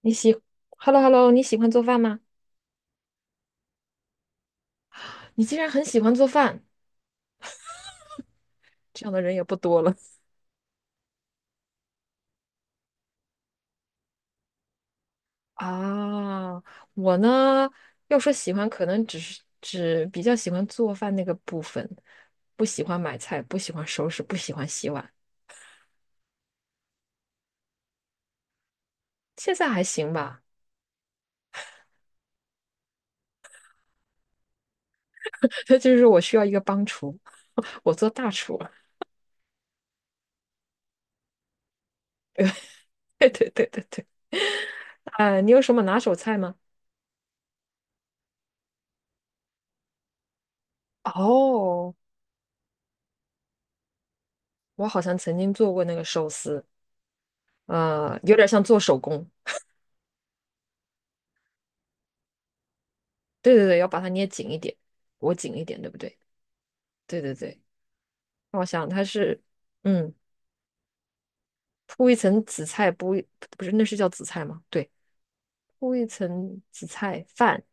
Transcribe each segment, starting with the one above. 你喜，Hello Hello，你喜欢做饭吗？你竟然很喜欢做饭，这样的人也不多了 啊。我呢，要说喜欢，可能只是比较喜欢做饭那个部分，不喜欢买菜，不喜欢收拾，不喜欢洗碗。现在还行吧，那就是我需要一个帮厨，我做大厨。对对对对对，哎，你有什么拿手菜吗？哦，我好像曾经做过那个寿司，有点像做手工。对对对，要把它捏紧一点，裹紧一点，对不对？对对对，那我想它是，嗯，铺一层紫菜，不是那是叫紫菜吗？对，铺一层紫菜饭，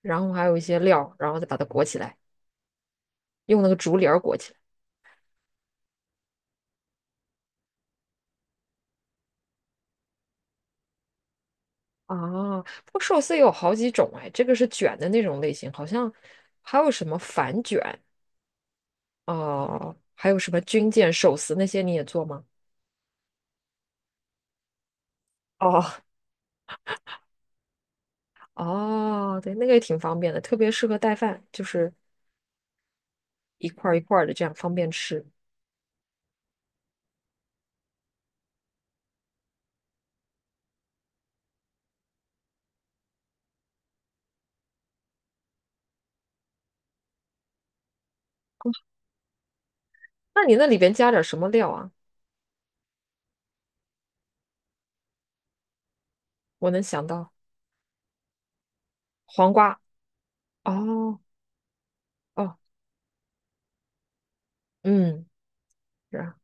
然后还有一些料，然后再把它裹起来，用那个竹帘儿裹起来。啊，不过寿司有好几种哎，这个是卷的那种类型，好像还有什么反卷哦、还有什么军舰寿司那些你也做吗？哦哦，对，那个也挺方便的，特别适合带饭，就是一块儿一块儿的，这样方便吃。那你那里边加点什么料啊？我能想到黄瓜。哦哦，嗯，是啊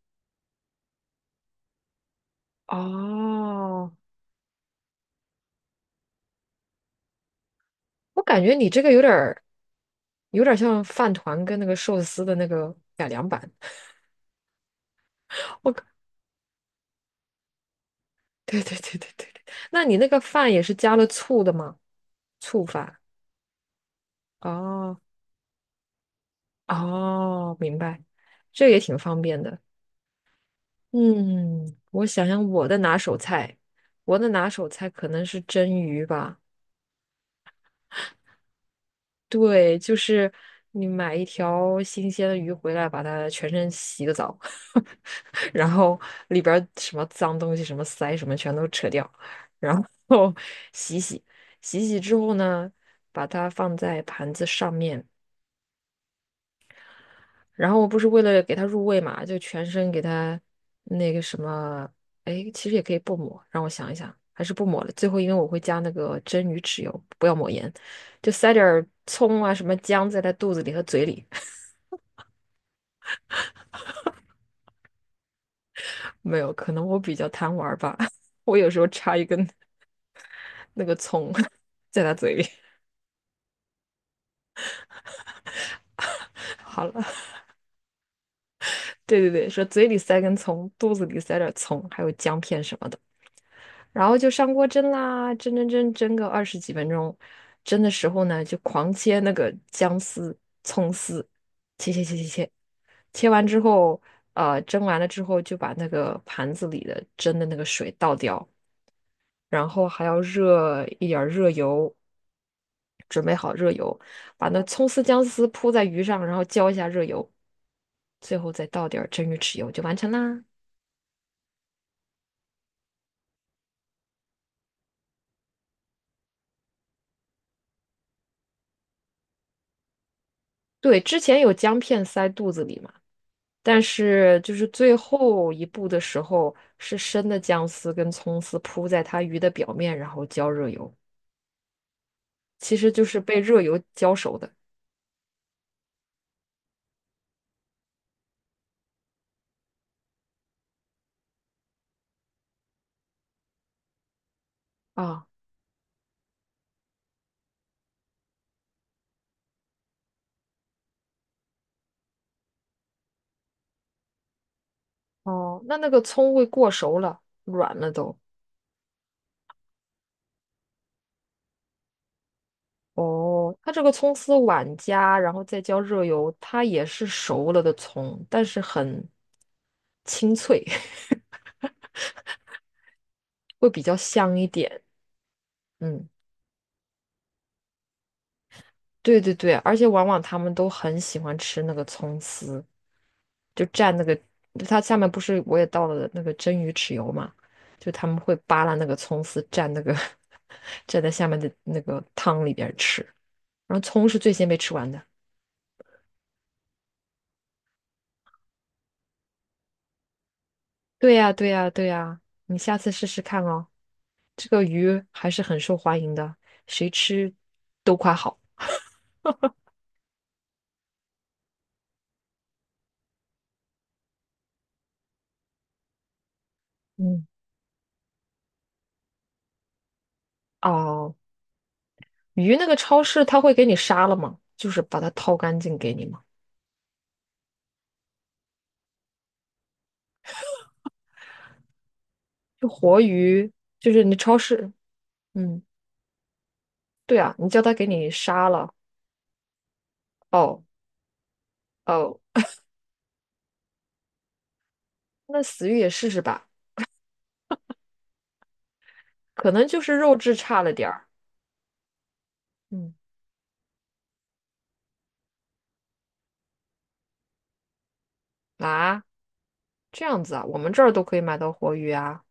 哦，我感觉你这个有点儿像饭团跟那个寿司的那个改良版。我感对对对对对对，那你那个饭也是加了醋的吗？醋饭。哦哦，明白，这也挺方便的。嗯，我想想我的拿手菜，我的拿手菜可能是蒸鱼吧。对，就是你买一条新鲜的鱼回来，把它全身洗个澡，然后里边儿什么脏东西、什么鳃什么全都扯掉，然后 洗洗，洗洗之后呢，把它放在盘子上面，然后我不是为了给它入味嘛，就全身给它那个什么，哎，其实也可以不抹，让我想一想，还是不抹了。最后因为我会加那个蒸鱼豉油，不要抹盐，就塞点儿葱啊什么姜在它肚子里和嘴里。没有，可能我比较贪玩儿吧，我有时候插一根那个葱 在他嘴里。好了，对对对，说嘴里塞根葱，肚子里塞点葱，还有姜片什么的，然后就上锅蒸啦，蒸蒸蒸蒸个20几分钟，蒸的时候呢，就狂切那个姜丝、葱丝，切切切切切，切完之后，蒸完了之后就把那个盘子里的蒸的那个水倒掉，然后还要热一点儿热油，准备好热油，把那葱丝、姜丝铺在鱼上，然后浇一下热油，最后再倒点儿蒸鱼豉油就完成啦。对，之前有姜片塞肚子里嘛，但是就是最后一步的时候，是生的姜丝跟葱丝铺在它鱼的表面，然后浇热油，其实就是被热油浇熟的啊。哦，那个葱会过熟了，软了都。哦，它这个葱丝碗加，然后再浇热油，它也是熟了的葱，但是很清脆，会比较香一点。嗯，对对对，而且往往他们都很喜欢吃那个葱丝，就蘸那个，它下面不是我也倒了那个蒸鱼豉油嘛，就他们会扒拉那个葱丝蘸那个 蘸在下面的那个汤里边吃，然后葱是最先被吃完的。对呀，对呀，对呀，你下次试试看哦。这个鱼还是很受欢迎的，谁吃都夸好。嗯，哦，鱼那个超市它会给你杀了吗？就是把它掏干净给你吗？就活鱼，就是你超市，嗯，对啊，你叫他给你杀了。哦哦，那死鱼也试试吧，可能就是肉质差了点儿。嗯啊，这样子啊，我们这儿都可以买到活鱼啊，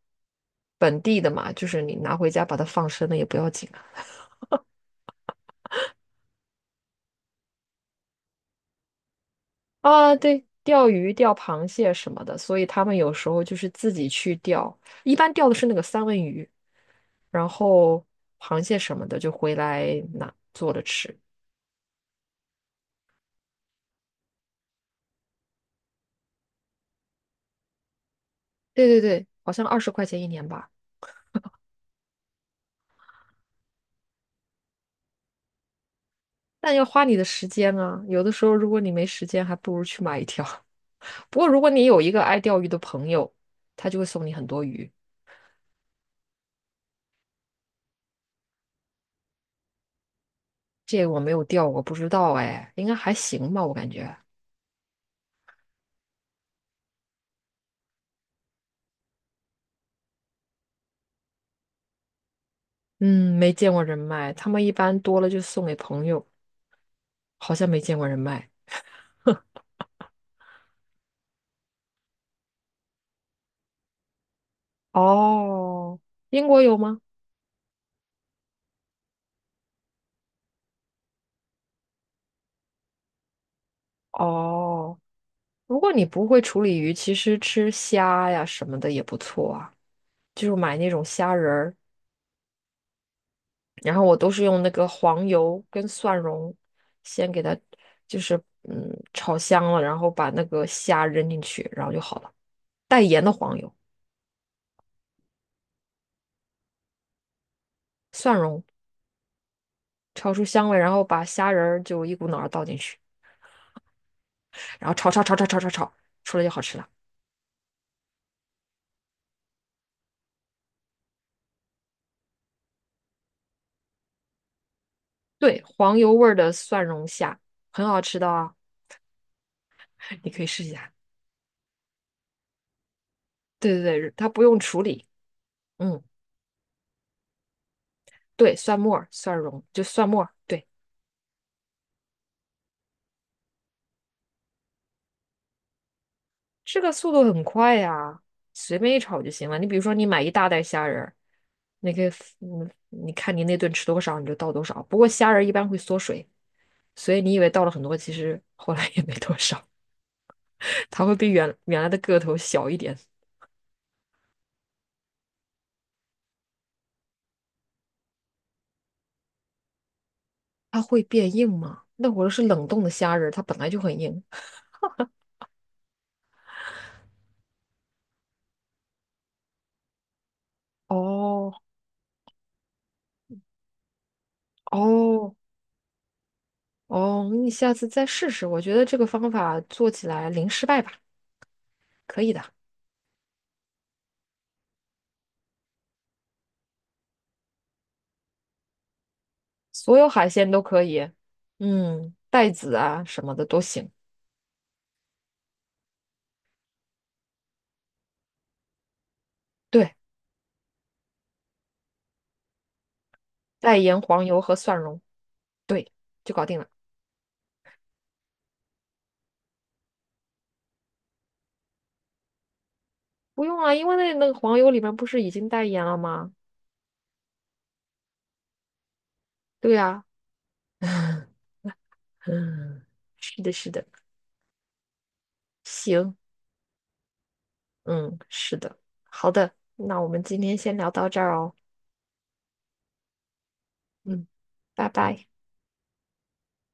本地的嘛，就是你拿回家把它放生了也不要紧。啊，对，钓鱼、钓螃蟹什么的，所以他们有时候就是自己去钓，一般钓的是那个三文鱼，然后螃蟹什么的就回来拿做着吃。对对对，好像20块钱一年吧，但要花你的时间啊。有的时候如果你没时间，还不如去买一条。不过如果你有一个爱钓鱼的朋友，他就会送你很多鱼。这个我没有钓过，不知道哎，应该还行吧，我感觉。嗯，没见过人卖，他们一般多了就送给朋友，好像没见过人卖。哦，英国有吗？哦，如果你不会处理鱼，其实吃虾呀什么的也不错啊，就是买那种虾仁儿，然后我都是用那个黄油跟蒜蓉，先给它就是炒香了，然后把那个虾扔进去，然后就好了。带盐的黄油、蒜蓉炒出香味，然后把虾仁儿就一股脑儿倒进去，然后炒炒炒炒炒炒炒，出来就好吃了。对，黄油味儿的蒜蓉虾很好吃的啊，你可以试一下。对对对，它不用处理。嗯，对，蒜末儿蒜蓉就蒜末儿对，这个速度很快呀，随便一炒就行了。你比如说，你买一大袋虾仁儿，那个你看你那顿吃多少，你就倒多少。不过虾仁儿一般会缩水，所以你以为倒了很多，其实 后来也没多少，它会比原来的个头小一点。它会变硬吗？那我是冷冻的虾仁儿，它本来就很硬。哦哦哦，你下次再试试，我觉得这个方法做起来零失败吧。可以的，所有海鲜都可以，嗯，带籽啊什么的都行。对，带盐、黄油和蒜蓉，对，就搞定了。不用啊，因为那个黄油里面不是已经带盐了吗？对呀、啊 嗯，是的，是的，行，嗯，是的，好的，那我们今天先聊到这儿哦，嗯，拜拜。